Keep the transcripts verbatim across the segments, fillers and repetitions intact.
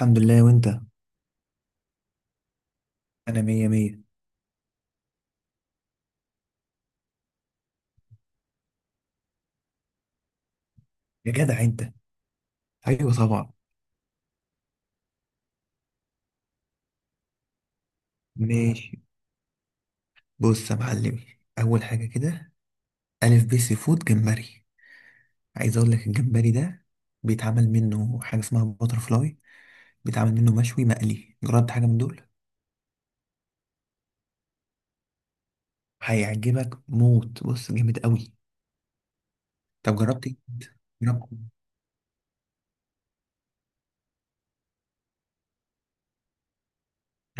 الحمد لله، وانت؟ انا مية مية. يا جدع انت. ايوه طبعا. ماشي. بص يا معلمي، اول حاجه كده. الف ب سي فود جمبري. عايز اقول لك الجمبري ده بيتعمل منه حاجه اسمها باتر فلاي. بيتعمل منه مشوي مقلي. جربت حاجه من دول؟ هيعجبك موت. بص، جامد قوي. طب، جربت ايه؟ جربت إيه؟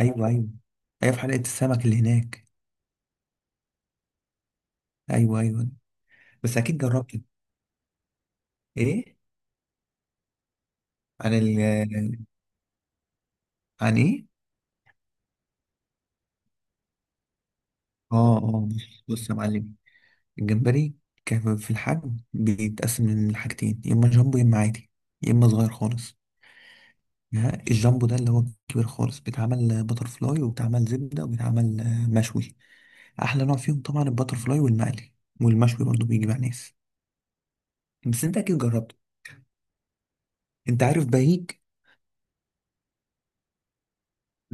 ايوه، ايوه، ايوه، في حلقه السمك اللي هناك. ايوه، ايوه. بس اكيد جربت. ايه. عن ال عن ايه؟ اه، اه، بص بص يا معلم. الجمبري كان في الحجم بيتقسم من حاجتين، يا اما جامبو يا اما عادي يا اما صغير خالص. ها، الجامبو ده اللي هو كبير خالص بيتعمل باتر فلاي وبيتعمل زبدة وبيتعمل آه، مشوي. احلى نوع فيهم طبعا الباتر فلاي والمقلي. والمشوي برضه بيجي مع ناس. بس انت اكيد جربته. انت عارف بهيج.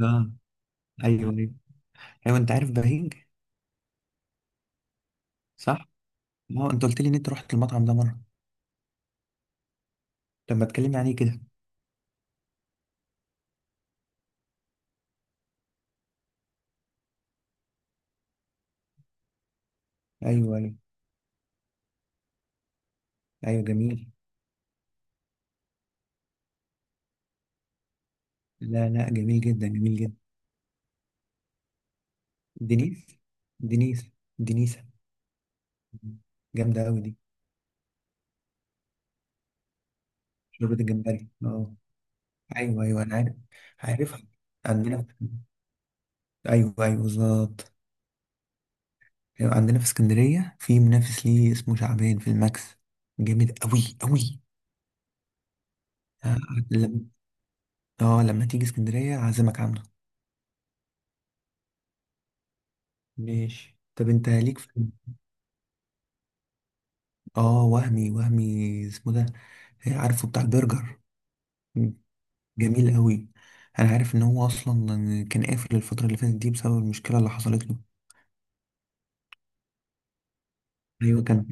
اه، ايوه، ايوه، ايوه، انت عارف بهيج، صح. ما هو انت قلت لي ان انت رحت المطعم ده مره. طب ما تكلمني عليه كده. ايوه، ايوه، ايوه، جميل. لا، لا، جميل جدا، جميل جدا. دنيس، دنيس، دنيسة. جامدة أوي دي. شوربة الجمبري، اه. أيوه، أيوه، أنا عارف. عارفها. عندنا في. أيوه، أيوه، بالظبط. أيوة، عندنا في اسكندرية في منافس ليه اسمه شعبان في الماكس. جامد أوي أوي. اه. لما آه، لما تيجي اسكندرية أعزمك عنده. ماشي. طب أنت ليك في. اه، وهمي، وهمي اسمه ده. آه، عارفه بتاع البرجر. جميل قوي. انا عارف ان هو اصلا كان قافل الفتره اللي فاتت دي بسبب المشكله اللي حصلت له. ايوه كان.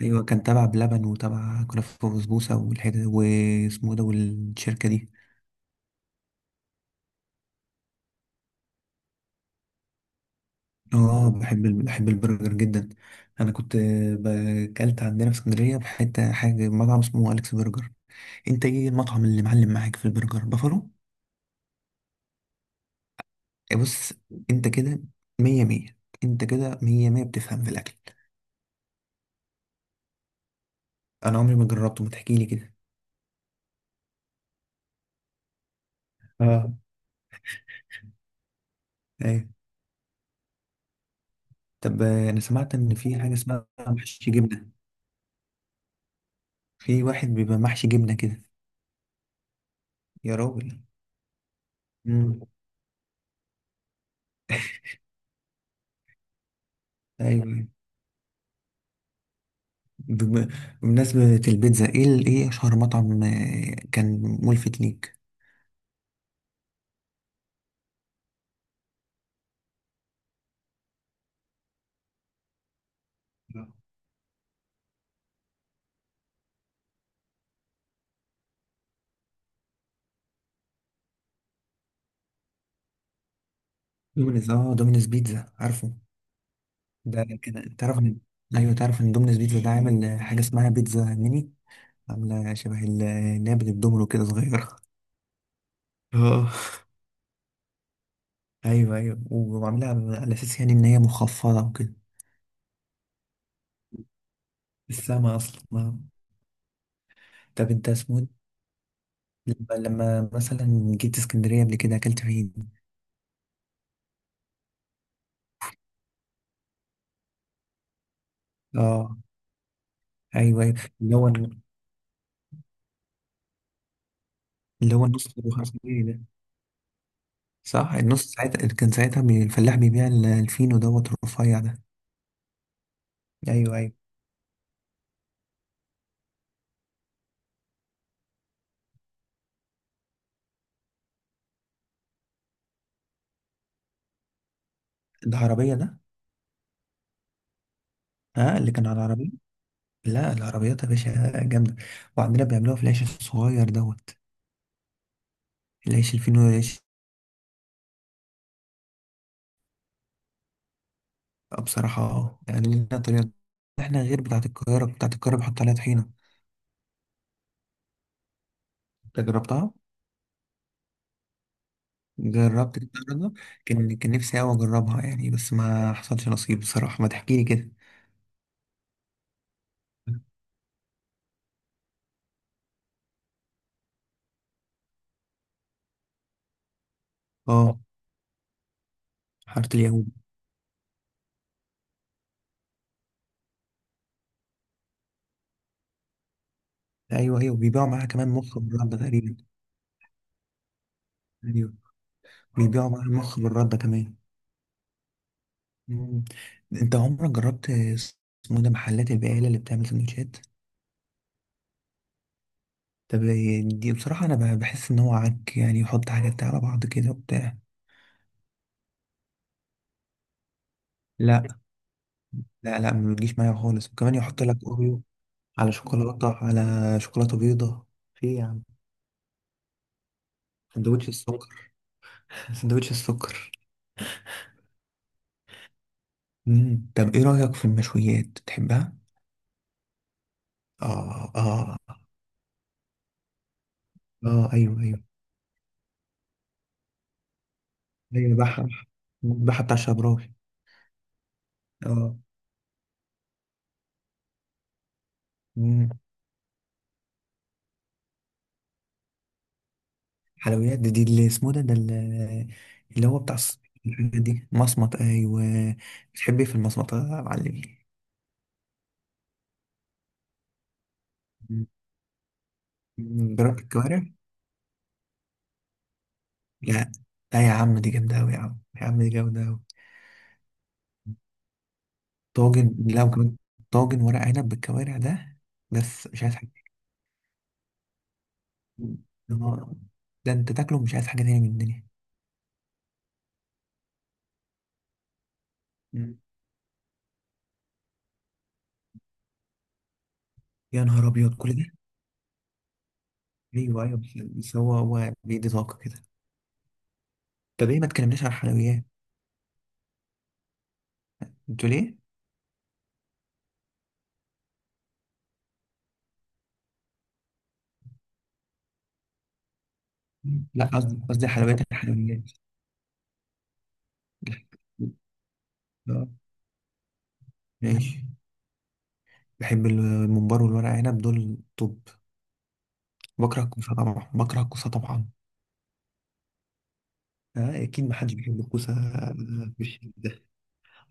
ايوه كان تبع بلبن وتبع كنافه وبسبوسه والحته واسمه إيه ده والشركه دي. اه، بحب ال- بحب البرجر جدا. انا كنت اكلت عندنا في اسكندريه في حته حاجه مطعم اسمه اليكس برجر. انت ايه المطعم اللي معلم معاك في البرجر بافالو؟ إيه، بص. انت كده مية مية. انت كده مية مية بتفهم في الاكل. انا عمري ما جربته، ما تحكيلي كده. اه، ايوه. طب، آه، انا سمعت ان في حاجه اسمها محشي جبنه. في واحد بيبقى محشي جبنه كده. يا راجل. امم. ايوه. بم- بمناسبه البيتزا، ايه ال- ايه اشهر مطعم آه، كان ملفت ليك؟ دومينيز، اه دومينيز بيتزا، عارفه. ده كده تعرف ان. ايوه، تعرف ان دومينيز بيتزا ده عامل آه، حاجه اسمها بيتزا ميني. عامله شبه ال- اللي هي بتدومينو كده صغيره. اه. ايوه، ايوه، وعاملها على على اساس يعني ان هي مخفضه وكده. السما اصلا آه. طب، انت اسمه إيه؟ لما لما مثلا جيت اسكندرية قبل كده أكلت فين؟ اه، أيوه، أيوه. اللي هو اللي هو النص أبو خمسة جنيه ده. صح، النص ساعتها كان ساعتها بي- الفلاح بيبيع ال- الفينو دوت الرفيع ده. أيوه، أيوه. العربية ده. ها اللي كان على العربية. لا، العربيات يا باشا جامدة. وعندنا بيعملوها في العيش الصغير دوت. العيش الفينو العيش. آه، بصراحة، اه يعني لنا طريقة. احنا غير بتاعة القاهرة، بتاعة القاهرة بيحط عليها طحينة. انت جربتها؟ جربت دي الرياضة. كان كان نفسي أوي أجربها يعني، بس ما حصلش نصيب بصراحة، ما تحكيلي كده. اه. حارة اليهود. أيوه، أيوه، بيبيعوا معاها كمان مخ بالردة تقريبا. أيوه، بيبيعوا معاها مخ بالردة كمان. مم. أنت عمرك جربت اسمه ده محلات البقالة اللي بتعمل سندوتشات؟ طب. دي بصراحة، أنا ب- بحس إن هو عك يعني، يحط حاجات على بعض كده وبتاع. لا، لا، لا، ما بتجيش معايا خالص، وكمان يحط لك أوريو على شوكولاتة، على شوكولاتة بيضة. في إيه يا عم. سندوتش السكر. سندوتش السكر. مم. طب ايه رأيك في المشويات، بتحبها؟ اه، اه. اه، ايوه، ايوه، ايوه. بحة، بحة بتاع شبراوي. اه. مم. حلويات دي, دي اللي اسمه ده ده اللي اللي هو بتاع الص- الحاجات دي مصمت، ايوه. بتحب ايه في المصمتة يا معلم؟ مم. جربت الكوارع. لا. لا يا عم دي جامدة أوي، يا عم، يا عم دي جامدة أوي. طاجن لو كمان. طاجن ورق عنب بالكوارع ده. بس مش عايز حاجة. يا نهار أبيض. ده انت تاكله مش عايز حاجه تانية من الدنيا. مم. يا نهار ابيض، كل ده. ايوه، ايوه، بس بس هو هو بيدي طاقه كده. طب ايه، ما تكلمناش عن الحلويات. انتوا ليه؟ مم. لا، قصدي قصدي حلويات الحلويات. آه، ماشي. بحب الممبار والورق عنب دول. طب. بكره الكوسه طبعا، بكره الكوسه طبعا. آه، اكيد ما حدش بيحب الكوسه، آه، مش ده.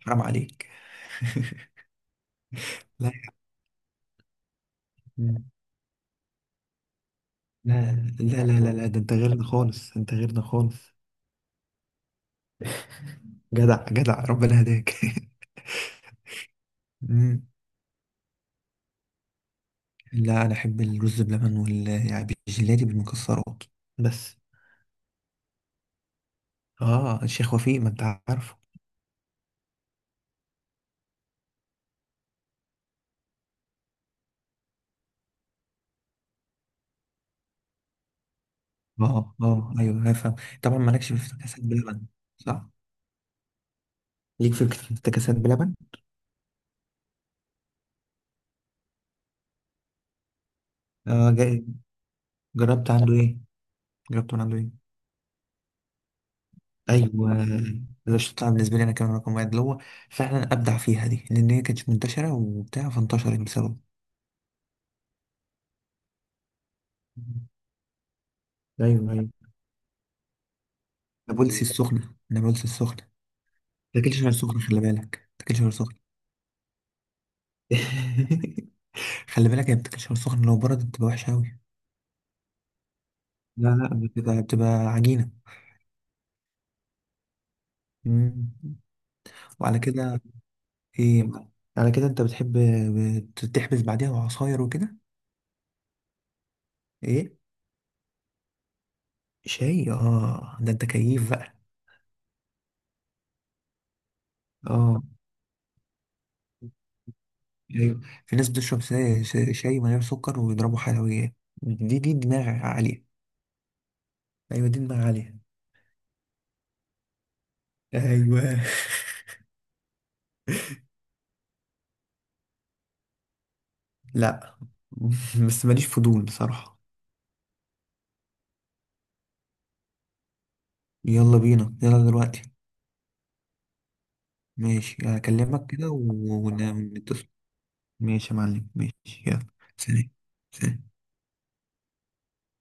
حرام عليك. لا، لا، لا، لا، لا، لا. ده انت غيرنا خالص، انت غيرنا خالص. جدع جدع ربنا هداك. مم. لا انا احب الرز بلبن وال يعني بالجيلاتي بالمكسرات. بس. اه، الشيخ وفيق، ما انت عارفه. اه، اه، ايوه، افهم. طبعا مالكش في افتكاسات بلبن. صح. ليك في. افتكاسات بلبن. اه، جا- جربت عنده ايه؟ جربت من عنده ايه؟ ايوه. ده الشطه بالنسبه لي انا كان رقم واحد، اللي هو فعلا ابدع فيها دي لان هي كانت منتشره وبتاع فانتشرت بسببه. ايوه، ايوه. نابلسي السخنه، نابلسي السخنه. تاكلش غير سخن، خلي بالك، تاكلش غير سخن. خلي بالك هي بتاكلش غير سخن، لو بردت بتبقى وحشه قوي. لا، لا، بتبقى بتبقى عجينه. مم. وعلى كده. ايه. على كده انت بتحب بت- تحبس بعديها وعصاير وكده. ايه. شاي. اه، ده انت كيف بقى. اه، ايوه. في ناس بتشرب سا- ش- شاي من غير سكر ويضربوا حلويات. دي دي دماغ عاليه. ايوه، دي دماغ عاليه. ايوه. لا. بس ماليش فضول بصراحه. يلا بينا، يلا دلوقتي. ماشي، هكلمك كده و- ون- ونتصل. ماشي يا معلم، ماشي، يلا. سلام. سلام.